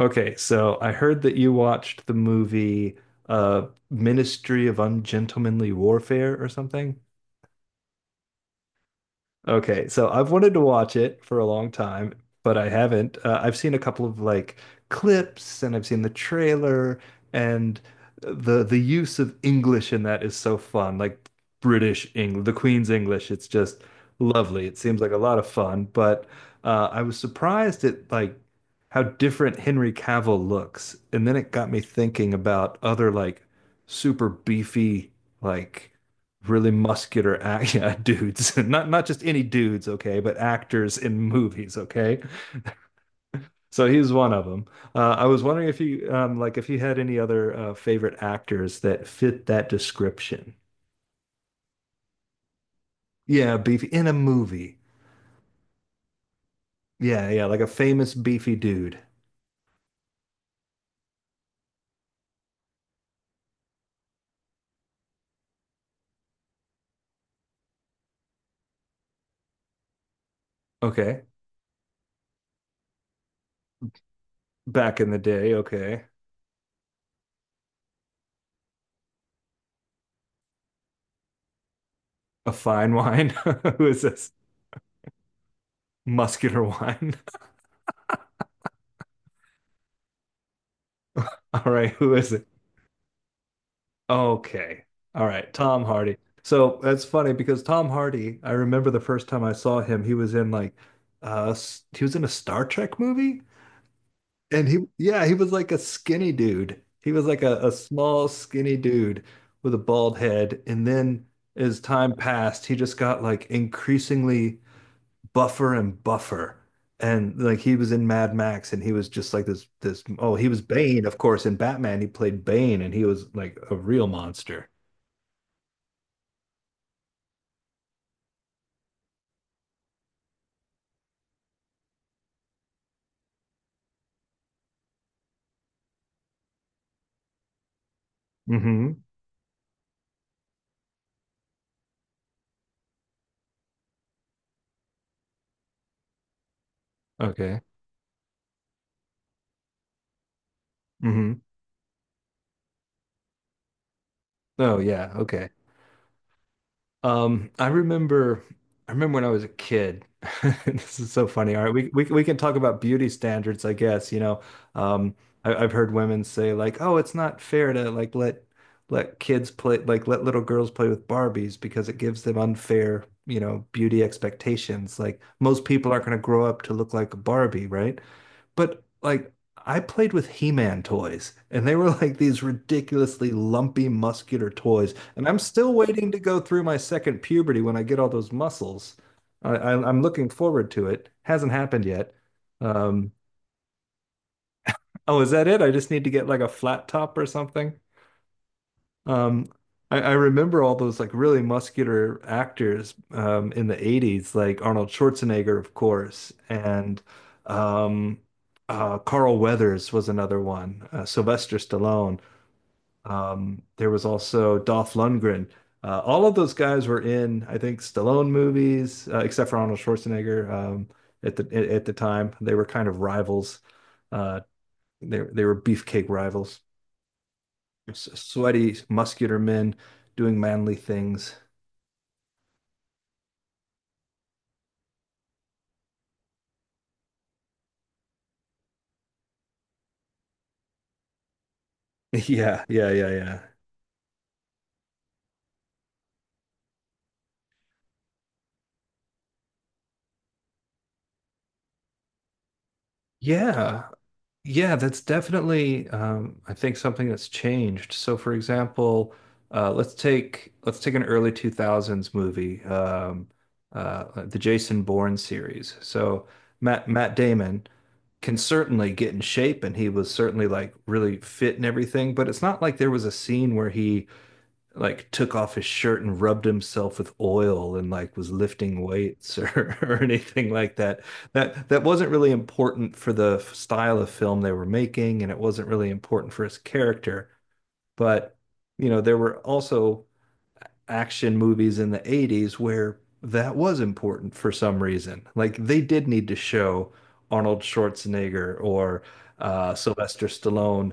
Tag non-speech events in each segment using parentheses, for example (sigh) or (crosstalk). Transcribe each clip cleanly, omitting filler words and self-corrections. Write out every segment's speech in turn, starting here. Okay, so I heard that you watched the movie Ministry of Ungentlemanly Warfare or something. Okay, so I've wanted to watch it for a long time, but I haven't. I've seen a couple of like clips, and I've seen the trailer and the use of English in that is so fun. Like British English, the Queen's English, it's just lovely. It seems like a lot of fun, but I was surprised at like how different Henry Cavill looks. And then it got me thinking about other like super beefy like really muscular (laughs) yeah, dudes, (laughs) not just any dudes, okay, but actors in movies, okay. So he's one of them. I was wondering if you like if you had any other favorite actors that fit that description. Yeah, beefy in a movie. Yeah, yeah, like a famous beefy dude. Okay, back in the day. Okay, a fine wine. (laughs) Who is this? Muscular wine. (laughs) All right, who is it? Okay. All right. Tom Hardy. So that's funny, because Tom Hardy, I remember the first time I saw him, he was in like he was in a Star Trek movie and he, yeah, he was like a skinny dude. He was like a small skinny dude with a bald head, and then as time passed, he just got like increasingly buffer and buffer. And like he was in Mad Max and he was just like this oh, he was Bane, of course, in Batman he played Bane and he was like a real monster. Hmm. Okay. Hmm. Oh yeah. Okay. Um, I remember I remember when I was a kid. (laughs) This is so funny. All right, we can talk about beauty standards, I guess. You know, um, I've heard women say like, "Oh, it's not fair to like let kids play like let little girls play with Barbies because it gives them unfair, you know, beauty expectations. Like most people aren't going to grow up to look like a Barbie, right? But like I played with He-Man toys and they were (laughs) like these ridiculously lumpy muscular toys. And I'm still waiting to go through my second puberty when I get all those muscles. I'm looking forward to it. Hasn't happened yet. Um, oh, is that it? I just need to get like a flat top or something. Um, I remember all those like really muscular actors in the 80s, like Arnold Schwarzenegger, of course, and um, Carl Weathers was another one, Sylvester Stallone. There was also Dolph Lundgren. All of those guys were in, I think, Stallone movies, except for Arnold Schwarzenegger. At the at the time, they were kind of rivals. Uh, they were beefcake rivals, sweaty, muscular men doing manly things. (laughs) Yeah, yeah, yeah, yeah. Yeah. Yeah, that's definitely I think something that's changed. So for example, let's take an early 2000s movie, the Jason Bourne series. So Matt Damon can certainly get in shape and he was certainly like really fit and everything, but it's not like there was a scene where he like took off his shirt and rubbed himself with oil and like was lifting weights (laughs) or anything like that. That wasn't really important for the style of film they were making, and it wasn't really important for his character. But you know, there were also action movies in the 80s where that was important for some reason. Like they did need to show Arnold Schwarzenegger or Sylvester Stallone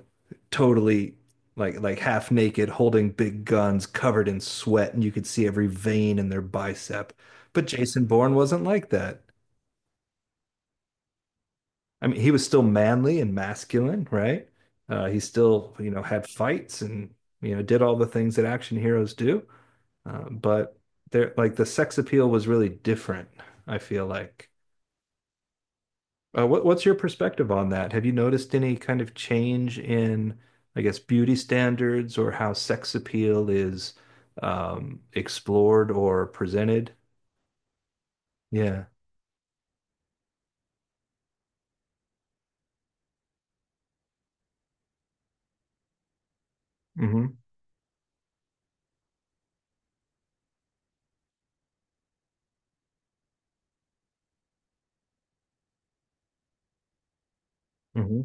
totally like half naked, holding big guns, covered in sweat, and you could see every vein in their bicep. But Jason Bourne wasn't like that. I mean, he was still manly and masculine, right? He still, you know, had fights and, you know, did all the things that action heroes do. But there, like the sex appeal was really different, I feel like. What's your perspective on that? Have you noticed any kind of change in, I guess, beauty standards or how sex appeal is explored or presented? Yeah. Hmm. Hmm.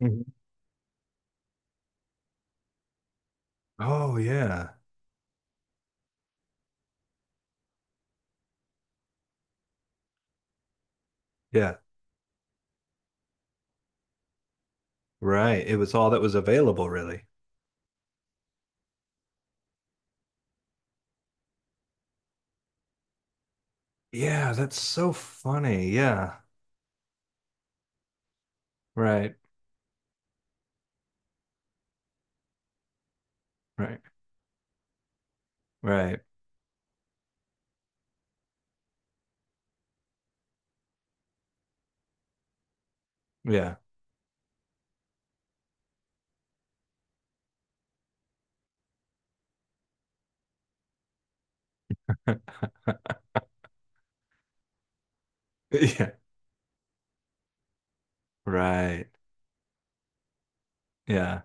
Hmm. Oh, yeah. Yeah. Right. It was all that was available, really. Yeah, that's so funny. Yeah. Right. Right. Right. Yeah. (laughs) Yeah. Right. Yeah.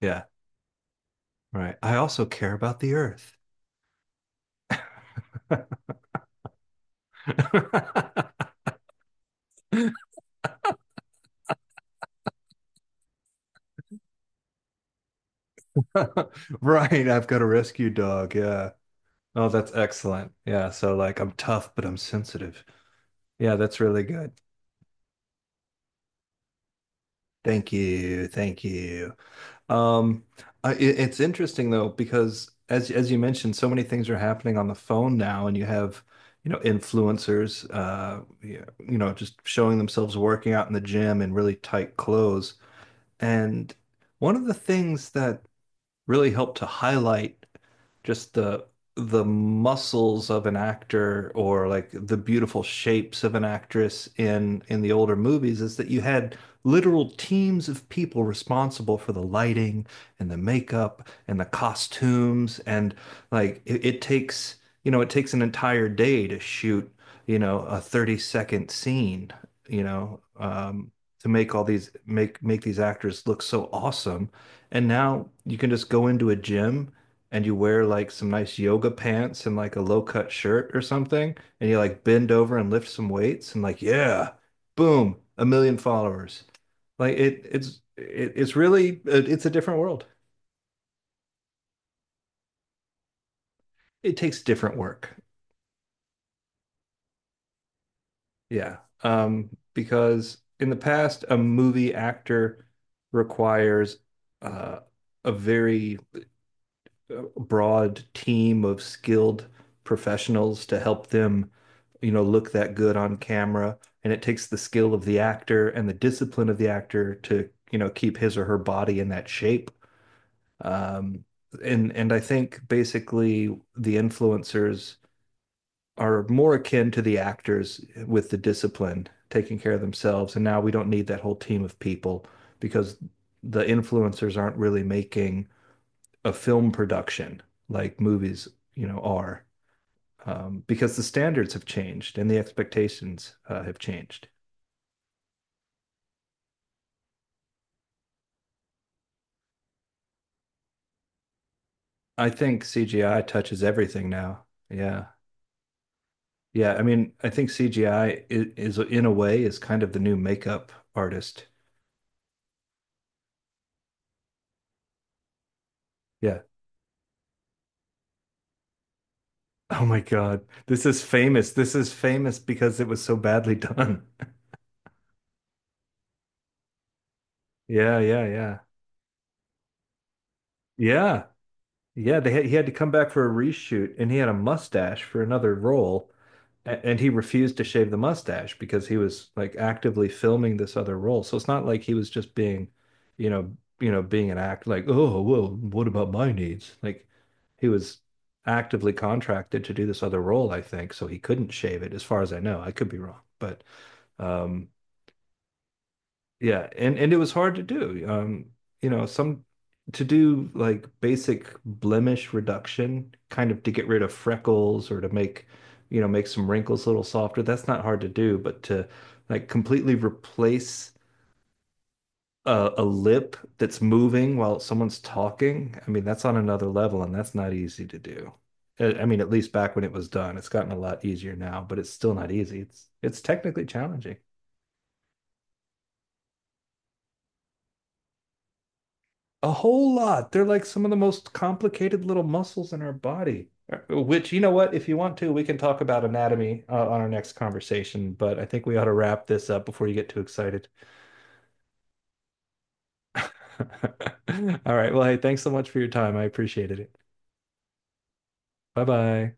Yeah. Right. I also care about the earth. (laughs) Right. I've got a rescue dog. Yeah. Oh, that's excellent. Yeah. So, like, I'm tough, but I'm sensitive. Yeah, that's really good. Thank you. Thank you. Um, it's interesting though, because as you mentioned, so many things are happening on the phone now, and you have, you know, influencers, yeah, you know, just showing themselves working out in the gym in really tight clothes. And one of the things that really help to highlight just the muscles of an actor or like the beautiful shapes of an actress in the older movies is that you had literal teams of people responsible for the lighting and the makeup and the costumes and like it takes, you know, it takes an entire day to shoot, you know, a 30-second scene, you know, to make all these make these actors look so awesome, and now you can just go into a gym and you wear like some nice yoga pants and like a low-cut shirt or something, and you like bend over and lift some weights and like, yeah, boom, a million followers. Like it's really it's a different world. It takes different work. Yeah. Because in the past, a movie actor requires uh, a very broad team of skilled professionals to help them, you know, look that good on camera. And it takes the skill of the actor and the discipline of the actor to, you know, keep his or her body in that shape. Um, and I think basically the influencers are more akin to the actors with the discipline, taking care of themselves. And now we don't need that whole team of people because the influencers aren't really making a film production like movies, you know, are because the standards have changed and the expectations have changed. I think CGI touches everything now. Yeah. Yeah. I mean, I think is in a way is kind of the new makeup artist. Yeah. Oh my God. This is famous. This is famous because it was so badly done. (laughs) Yeah, yeah, yeah. Yeah. Yeah, they had, he had to come back for a reshoot and he had a mustache for another role. And he refused to shave the mustache because he was like actively filming this other role. So it's not like he was just being, you know, being an act like, oh, well, what about my needs? Like he was actively contracted to do this other role, I think, so he couldn't shave it, as far as I know. I could be wrong, but um, yeah, and it was hard to do. You know, some to do like basic blemish reduction, kind of to get rid of freckles or to make, you know, make some wrinkles a little softer. That's not hard to do, but to like completely replace a lip that's moving while someone's talking, I mean, that's on another level, and that's not easy to do. I mean, at least back when it was done, it's gotten a lot easier now, but it's still not easy. It's technically challenging. A whole lot. They're like some of the most complicated little muscles in our body. Which, you know what, if you want to, we can talk about anatomy on our next conversation, but I think we ought to wrap this up before you get too excited. (laughs) All right. Well, hey, thanks so much for your time. I appreciated it. Bye bye.